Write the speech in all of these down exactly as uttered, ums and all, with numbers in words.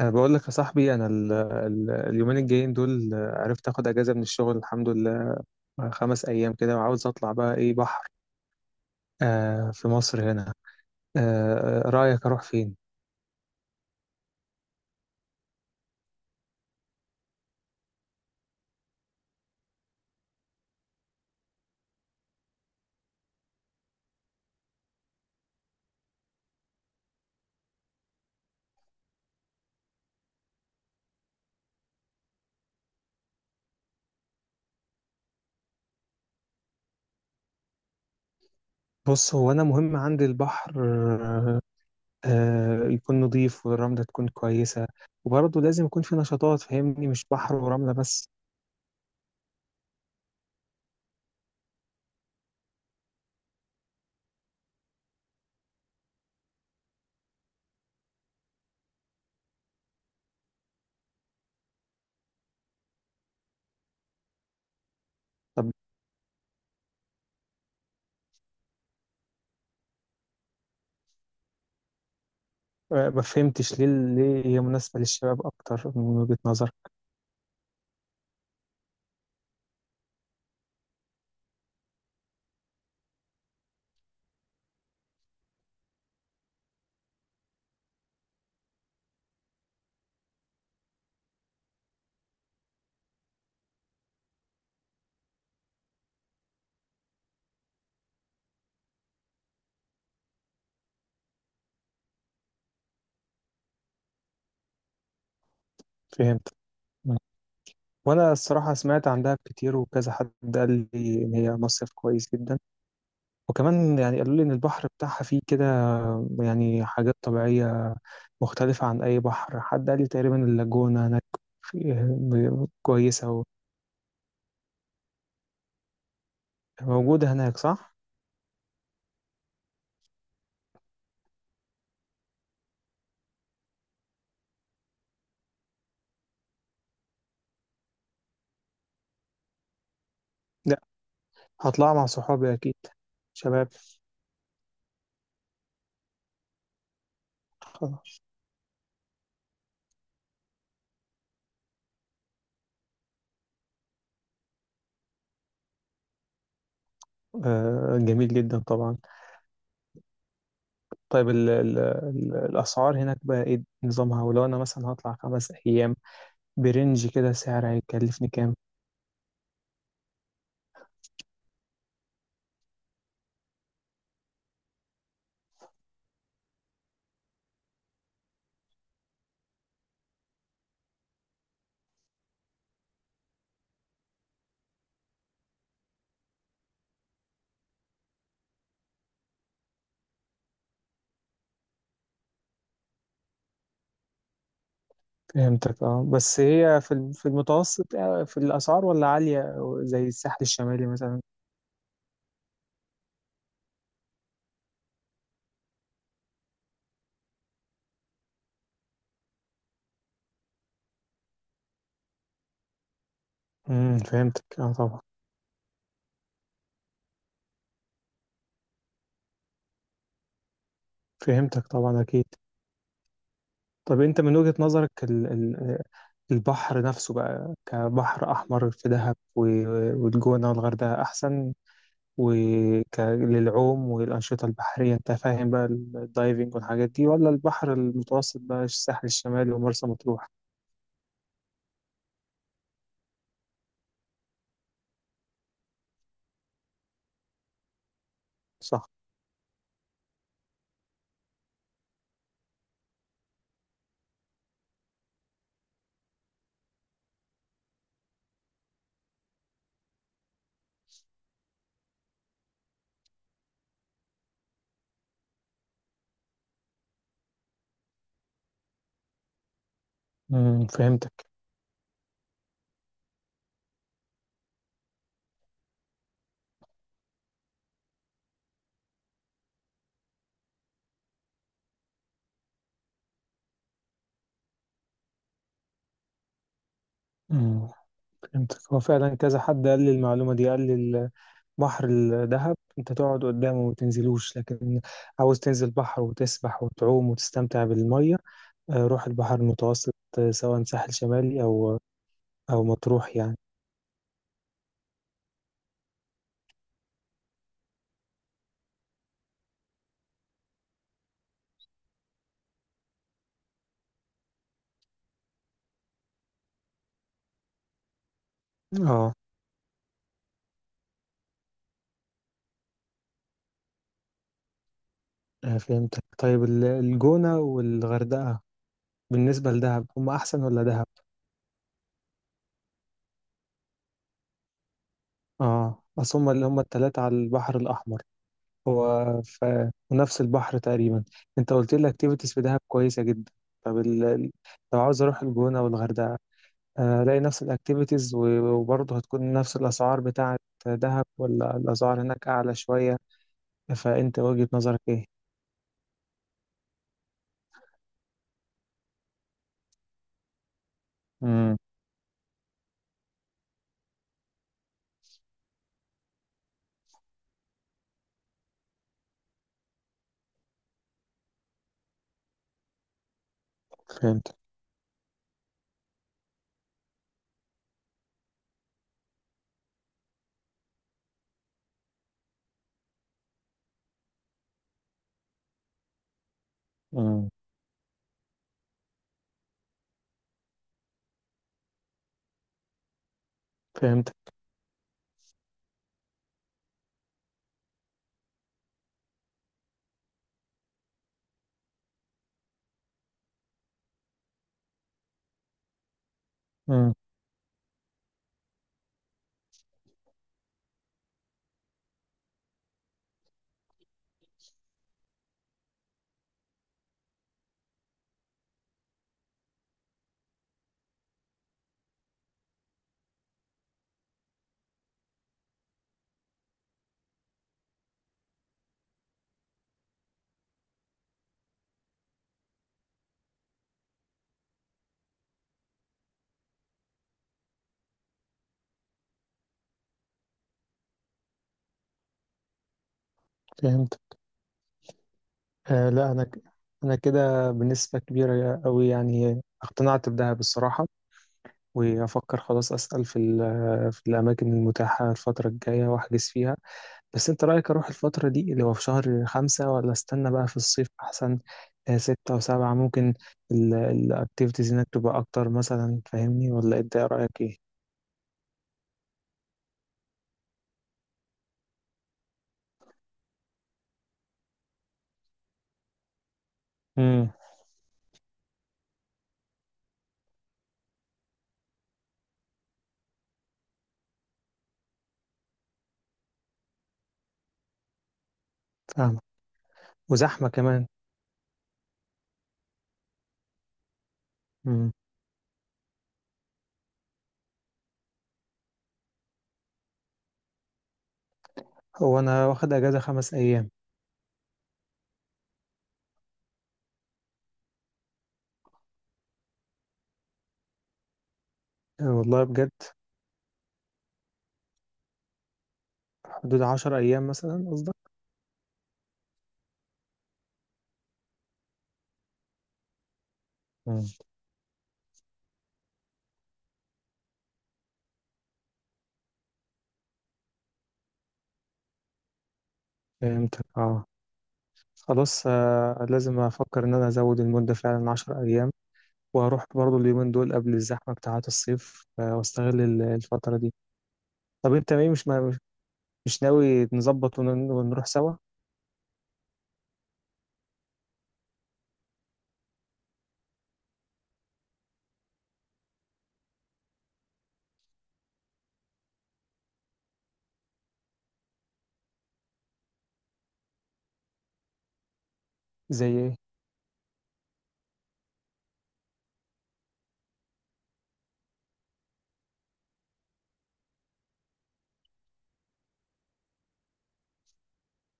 أنا بقول لك يا صاحبي، أنا ال ال اليومين الجايين دول آه، عرفت آخد أجازة من الشغل، الحمد لله. آه، خمس أيام كده، وعاوز أطلع بقى، إيه، بحر. آه في مصر هنا. آه آه، رأيك أروح فين؟ بص، هو أنا مهم عندي البحر. آه آه، يكون نظيف، والرملة تكون كويسة، وبرضه لازم يكون في نشاطات، فاهمني، مش بحر ورملة بس. طب، آه ما فهمتش ليه، ليه هي مناسبة للشباب أكتر من وجهة نظر؟ فهمت. وانا الصراحه سمعت عن دهب كتير، وكذا حد قال لي ان هي مصيف كويس جدا، وكمان يعني قالوا لي ان البحر بتاعها فيه كده، يعني حاجات طبيعيه مختلفه عن اي بحر. حد قال لي تقريبا اللاجونه هناك في- كويسه، وموجوده هناك، صح؟ لا، هطلع مع صحابي اكيد، شباب. خلاص. آه جميل جدا طبعا. طيب، ال ال ال الاسعار هناك بقى ايه نظامها؟ ولو انا مثلا هطلع خمس ايام برنج كده، سعر هيكلفني كام؟ فهمتك، اه. بس هي في ال- في المتوسط آه، في الأسعار، ولا عالية زي الساحل الشمالي مثلا؟ امم فهمتك، اه، طبعا. فهمتك، طبعا، أكيد. طب أنت من وجهة نظرك، ال ال البحر نفسه بقى، كبحر أحمر، في دهب و- والجونة والغردقة أحسن، وك للعوم والأنشطة البحرية، أنت فاهم بقى، ال- الدايفنج والحاجات دي، ولا البحر المتوسط بقى، الساحل الشمالي ومرسى مطروح؟ صح. امم فهمتك. مم. فهمتك. هو فعلا كذا حد قال لي المعلومة دي، قال لي البحر الدهب انت تقعد قدامه وما تنزلوش، لكن عاوز تنزل بحر وتسبح وتعوم وتستمتع بالمية، آه، روح البحر المتوسط، آه، سواء ساحل شمالي او او مطروح يعني. اه، آه، فهمتك. طيب، ال- الجونة والغردقة بالنسبة لدهب هم احسن ولا دهب؟ اه، اصل هم اللي هم التلاتة على البحر الاحمر، هو في نفس البحر تقريبا. انت قلت لي الاكتيفيتيز في دهب كويسه جدا. طب ال... لو عاوز اروح الجونه او الغردقه، الاقي نفس الاكتيفيتيز، و- وبرضه هتكون نفس الاسعار بتاعه دهب، ولا الاسعار هناك اعلى شويه؟ فانت وجهه نظرك ايه؟ امم فهمت. امم فهمت. امم فهمت. آه لا، انا ك... انا كده بنسبه كبيره قوي يعني اقتنعت بدهب الصراحه، وافكر خلاص اسال في ال... في الاماكن المتاحه الفتره الجايه واحجز فيها. بس انت رأيك اروح الفترة دي اللي هو في شهر خمسة، ولا استنى بقى في الصيف احسن؟ آه، ستة وسبعة ممكن الاكتيفيتيز هناك تبقى اكتر مثلا، فاهمني؟ ولا انت ايه رأيك ايه؟ امم فاهمة. وزحمة كمان. امم هو انا واخد اجازة خمس ايام. آه، والله بجد. حدود عشر ايام مثلا قصدك؟ امم فهمتك، اه. خلاص، آه، لازم افكر ان انا ازود المدة فعلا عشر ايام، واروح برضو اليومين دول قبل الزحمة بتاعات الصيف، آه، واستغل ال- الفترة دي. طب انت ايه، مش مش ناوي نظبط ون- ونروح سوا؟ زي ايه؟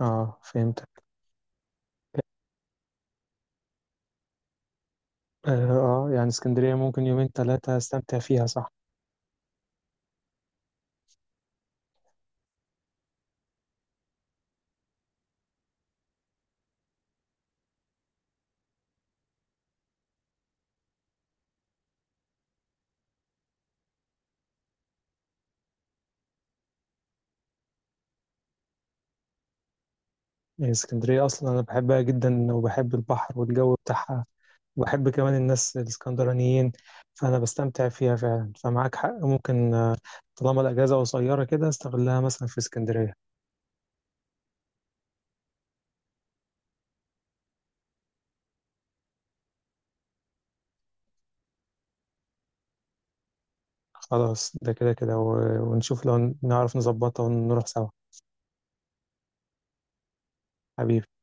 اه، فهمتك. اه، آه، يعني اسكندرية ممكن يومين ثلاثة استمتع فيها، صح؟ يعني اسكندرية اصلا انا بحبها جدا، وبحب البحر والجو بتاعها، وبحب كمان الناس الاسكندرانيين، فانا بستمتع فيها فعلا. فمعاك حق، ممكن آه، طالما الاجازة قصيرة كده استغلها مثلا في اسكندرية. خلاص، ده كده كده و- ونشوف لو نعرف نظبطها ونروح سوا. حبيبي.